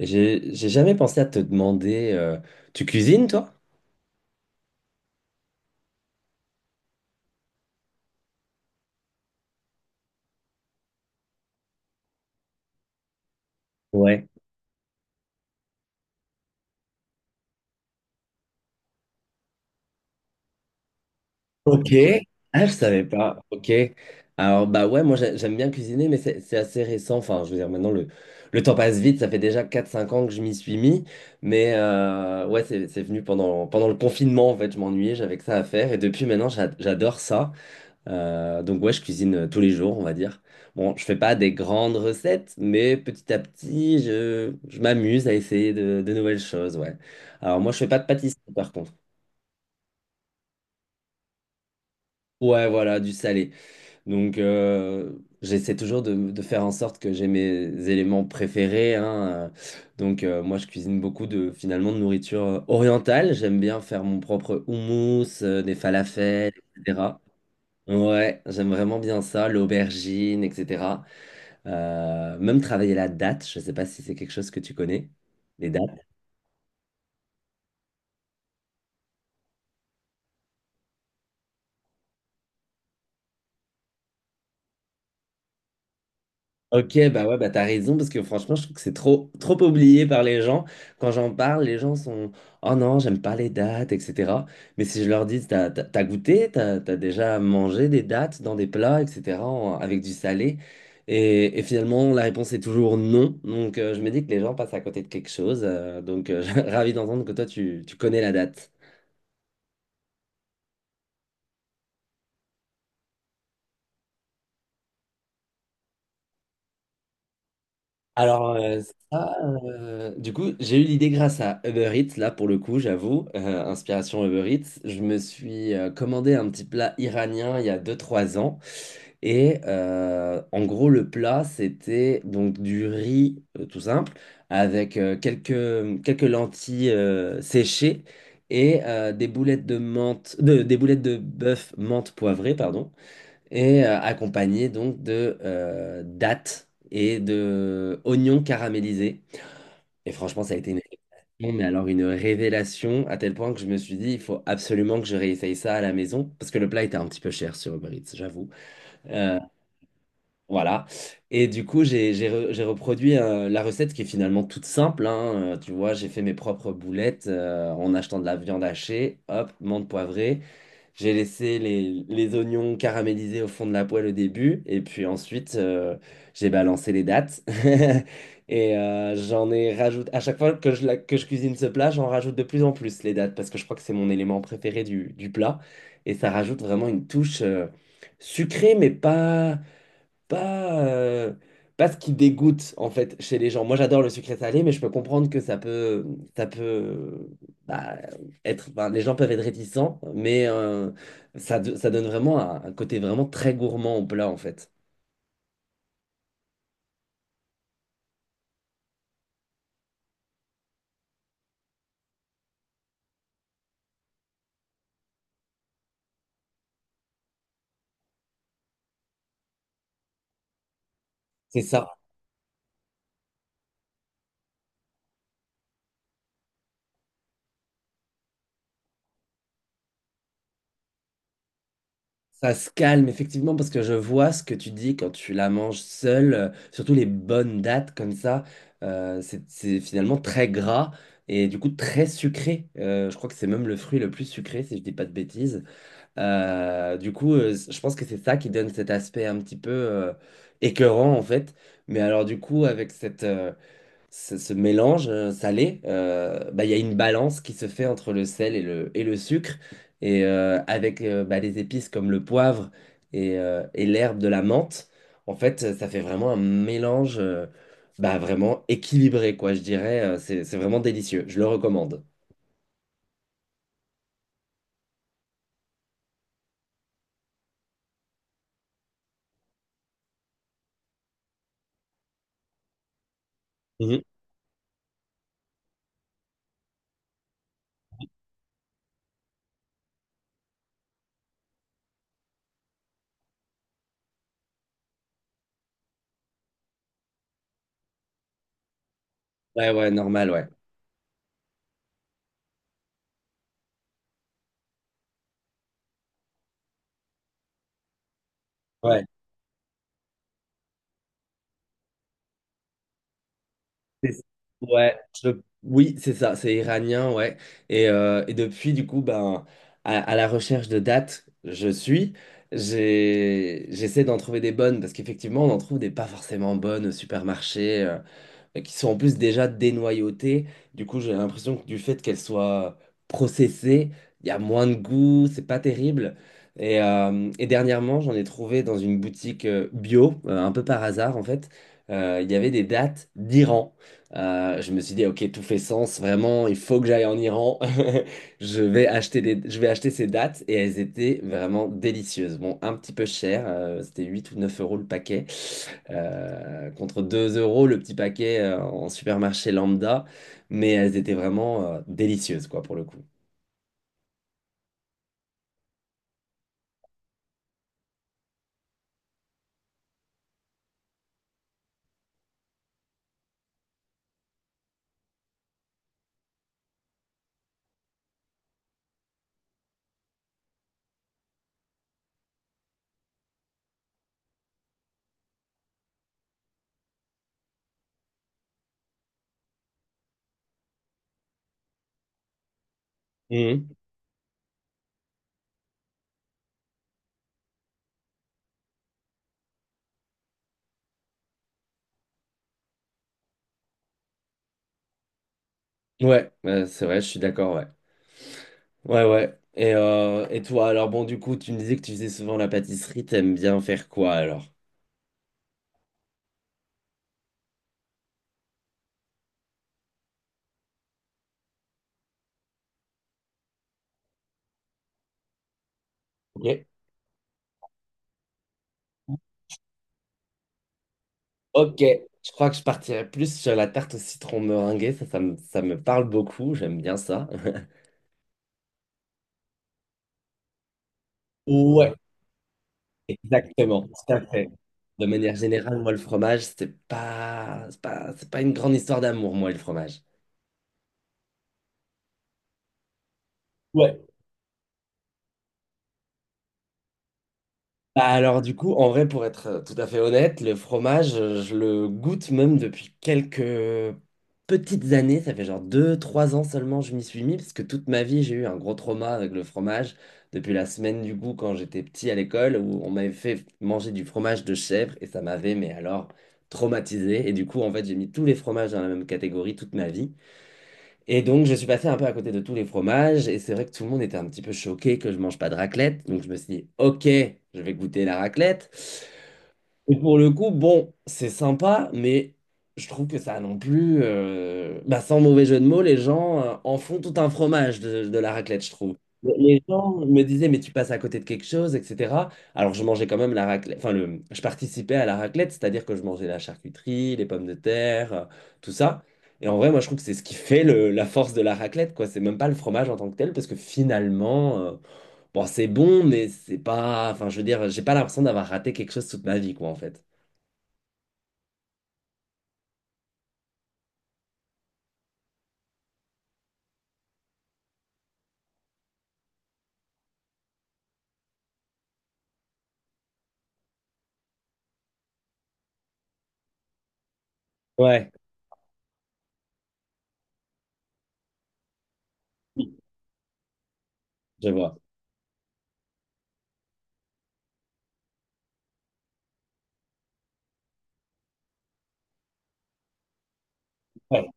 J'ai jamais pensé à te demander, tu cuisines toi? Ouais. Ok. Ah, je savais pas. Ok. Alors bah ouais, moi j'aime bien cuisiner, mais c'est assez récent. Enfin, je veux dire, maintenant le temps passe vite. Ça fait déjà quatre cinq ans que je m'y suis mis. Mais ouais, c'est venu pendant le confinement, en fait. Je m'ennuyais, j'avais que ça à faire. Et depuis maintenant, j'adore ça. Donc ouais, je cuisine tous les jours, on va dire. Bon, je fais pas des grandes recettes, mais petit à petit, je m'amuse à essayer de nouvelles choses, ouais. Alors moi, je fais pas de pâtisserie, par contre. Ouais, voilà, du salé. Donc, j'essaie toujours de faire en sorte que j'ai mes éléments préférés, hein. Donc, moi, je cuisine beaucoup de, finalement, de nourriture orientale. J'aime bien faire mon propre houmous, des falafels, etc. Ouais, j'aime vraiment bien ça, l'aubergine, etc. Même travailler la date, je ne sais pas si c'est quelque chose que tu connais, les dates. Ok, bah ouais, bah t'as raison, parce que franchement, je trouve que c'est trop, trop oublié par les gens. Quand j'en parle, les gens sont, oh non, j'aime pas les dates, etc. Mais si je leur dis, t'as goûté, t'as déjà mangé des dates dans des plats, etc., avec du salé. Et finalement, la réponse est toujours non. Donc, je me dis que les gens passent à côté de quelque chose. Donc, ravi d'entendre que toi, tu connais la date. Alors, ça, du coup, j'ai eu l'idée grâce à Uber Eats, là, pour le coup, j'avoue, inspiration Uber Eats. Je me suis commandé un petit plat iranien il y a deux trois ans. Et en gros, le plat, c'était donc du riz tout simple, avec quelques lentilles séchées et des boulettes de menthe, des boulettes de bœuf menthe poivrée, pardon, et accompagné donc de dattes et de oignons caramélisés. Et franchement, ça a été une révélation, mais alors une révélation à tel point que je me suis dit, il faut absolument que je réessaye ça à la maison, parce que le plat était un petit peu cher sur Uber Eats, j'avoue. Voilà. Et du coup, j'ai reproduit la recette qui est finalement toute simple, hein. Tu vois, j'ai fait mes propres boulettes en achetant de la viande hachée, hop, menthe poivrée. J'ai laissé les oignons caramélisés au fond de la poêle au début, et puis ensuite, j'ai balancé les dattes. Et j'en ai rajouté. À chaque fois que je cuisine ce plat, j'en rajoute de plus en plus les dattes, parce que je crois que c'est mon élément préféré du plat. Et ça rajoute vraiment une touche sucrée, mais pas, euh, pas ce qui dégoûte en fait chez les gens. Moi j'adore le sucré salé, mais je peux comprendre que ça peut, bah, être. Enfin, les gens peuvent être réticents, mais ça donne vraiment un côté vraiment très gourmand au plat en fait. C'est ça. Ça se calme effectivement parce que je vois ce que tu dis quand tu la manges seule, surtout les bonnes dates comme ça. C'est finalement très gras et du coup très sucré. Je crois que c'est même le fruit le plus sucré si je dis pas de bêtises. Du coup, je pense que c'est ça qui donne cet aspect un petit peu écœurant en fait. Mais alors du coup, avec ce mélange salé, bah, il y a une balance qui se fait entre le sel et le sucre. Et avec bah, des épices comme le poivre et l'herbe de la menthe, en fait, ça fait vraiment un mélange bah, vraiment équilibré, quoi, je dirais. C'est vraiment délicieux. Je le recommande. Mhm. Ouais, ouais, normal, ouais. Ouais. C'est- Ouais, oui, c'est ça, c'est iranien, ouais. Et depuis, du coup, ben, à la recherche de dates, je suis. J'essaie d'en trouver des bonnes parce qu'effectivement, on en trouve des pas forcément bonnes au supermarché, qui sont en plus déjà dénoyautées. Du coup, j'ai l'impression que du fait qu'elles soient processées, il y a moins de goût, c'est pas terrible. Et dernièrement, j'en ai trouvé dans une boutique bio, un peu par hasard en fait. Il y avait des dates d'Iran. Je me suis dit, ok, tout fait sens, vraiment, il faut que j'aille en Iran. Je vais acheter ces dates et elles étaient vraiment délicieuses. Bon, un petit peu cher, c'était 8 ou 9 euros le paquet, contre 2 euros le petit paquet en supermarché lambda, mais elles étaient vraiment délicieuses, quoi, pour le coup. Mhm. Ouais, c'est vrai, je suis d'accord, ouais. Ouais, ouais. Et toi, alors bon, du coup, tu me disais que tu faisais souvent la pâtisserie, t'aimes bien faire quoi alors? Ok. Ok, je crois que je partirais plus sur la tarte au citron meringuée, ça me parle beaucoup, j'aime bien ça. Ouais, exactement, tout à fait. De manière générale, moi, le fromage, c'est pas une grande histoire d'amour, moi, le fromage. Ouais, bah alors du coup, en vrai, pour être tout à fait honnête, le fromage, je le goûte même depuis quelques petites années. Ça fait genre deux, trois ans seulement je m'y suis mis, parce que toute ma vie, j'ai eu un gros trauma avec le fromage. Depuis la semaine du goût, quand j'étais petit à l'école, où on m'avait fait manger du fromage de chèvre, et ça m'avait, mais alors, traumatisé. Et du coup, en fait, j'ai mis tous les fromages dans la même catégorie toute ma vie. Et donc, je suis passé un peu à côté de tous les fromages. Et c'est vrai que tout le monde était un petit peu choqué que je mange pas de raclette. Donc, je me suis dit, OK, je vais goûter la raclette. Et pour le coup, bon, c'est sympa, mais je trouve que ça non plus, bah, sans mauvais jeu de mots, les gens en font tout un fromage de la raclette, je trouve. Les gens me disaient, mais tu passes à côté de quelque chose, etc. Alors je mangeais quand même la raclette, enfin, je participais à la raclette, c'est-à-dire que je mangeais la charcuterie, les pommes de terre, tout ça. Et en vrai, moi, je trouve que c'est ce qui fait la force de la raclette, quoi. C'est même pas le fromage en tant que tel, parce que finalement, bon, c'est bon, mais c'est pas, enfin, je veux dire, j'ai pas l'impression d'avoir raté quelque chose toute ma vie, quoi, en fait. Ouais, je vois. Ouais.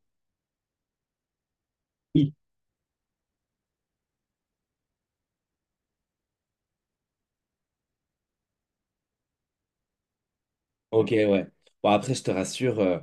Ok, ouais. Bon, après, je te rassure,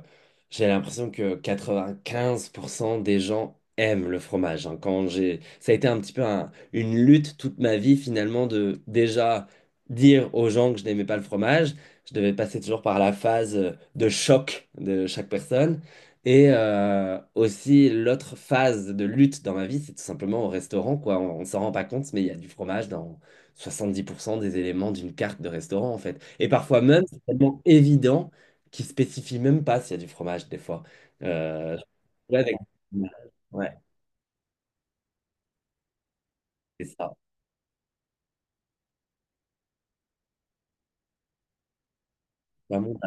j'ai l'impression que 95% des gens aiment le fromage. Hein. Ça a été un petit peu une lutte toute ma vie, finalement, de déjà dire aux gens que je n'aimais pas le fromage. Je devais passer toujours par la phase de choc de chaque personne. Et, aussi, l'autre phase de lutte dans ma vie, c'est tout simplement au restaurant, quoi. On s'en rend pas compte, mais il y a du fromage dans 70% des éléments d'une carte de restaurant, en fait. Et parfois même, c'est tellement évident qu'ils spécifient même pas s'il y a du fromage, des fois. Euh, ouais, ouais, c'est ça. Vraiment.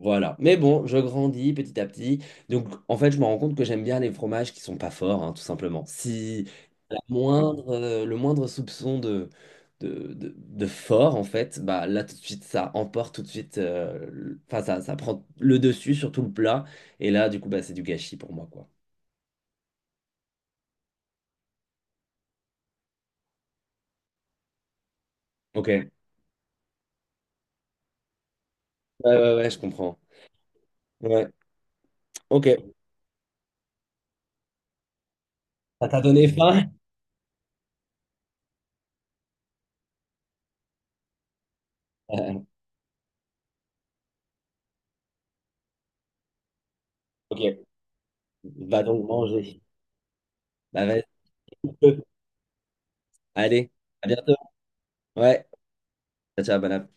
Voilà. Mais bon, je grandis petit à petit. Donc, en fait, je me rends compte que j'aime bien les fromages qui sont pas forts, hein, tout simplement. Si le moindre soupçon de fort, en fait, bah là, tout de suite, ça emporte tout de suite. Enfin, ça prend le dessus sur tout le plat. Et là, du coup, bah, c'est du gâchis pour moi, quoi. Ok. Ouais, ouais, ouais, je comprends. Ouais. Ok. Ça t'a donné faim? Euh, ok. Va donc manger. Bah, vas-y. Allez, à bientôt. Ouais. Ciao, ciao, bon appétit.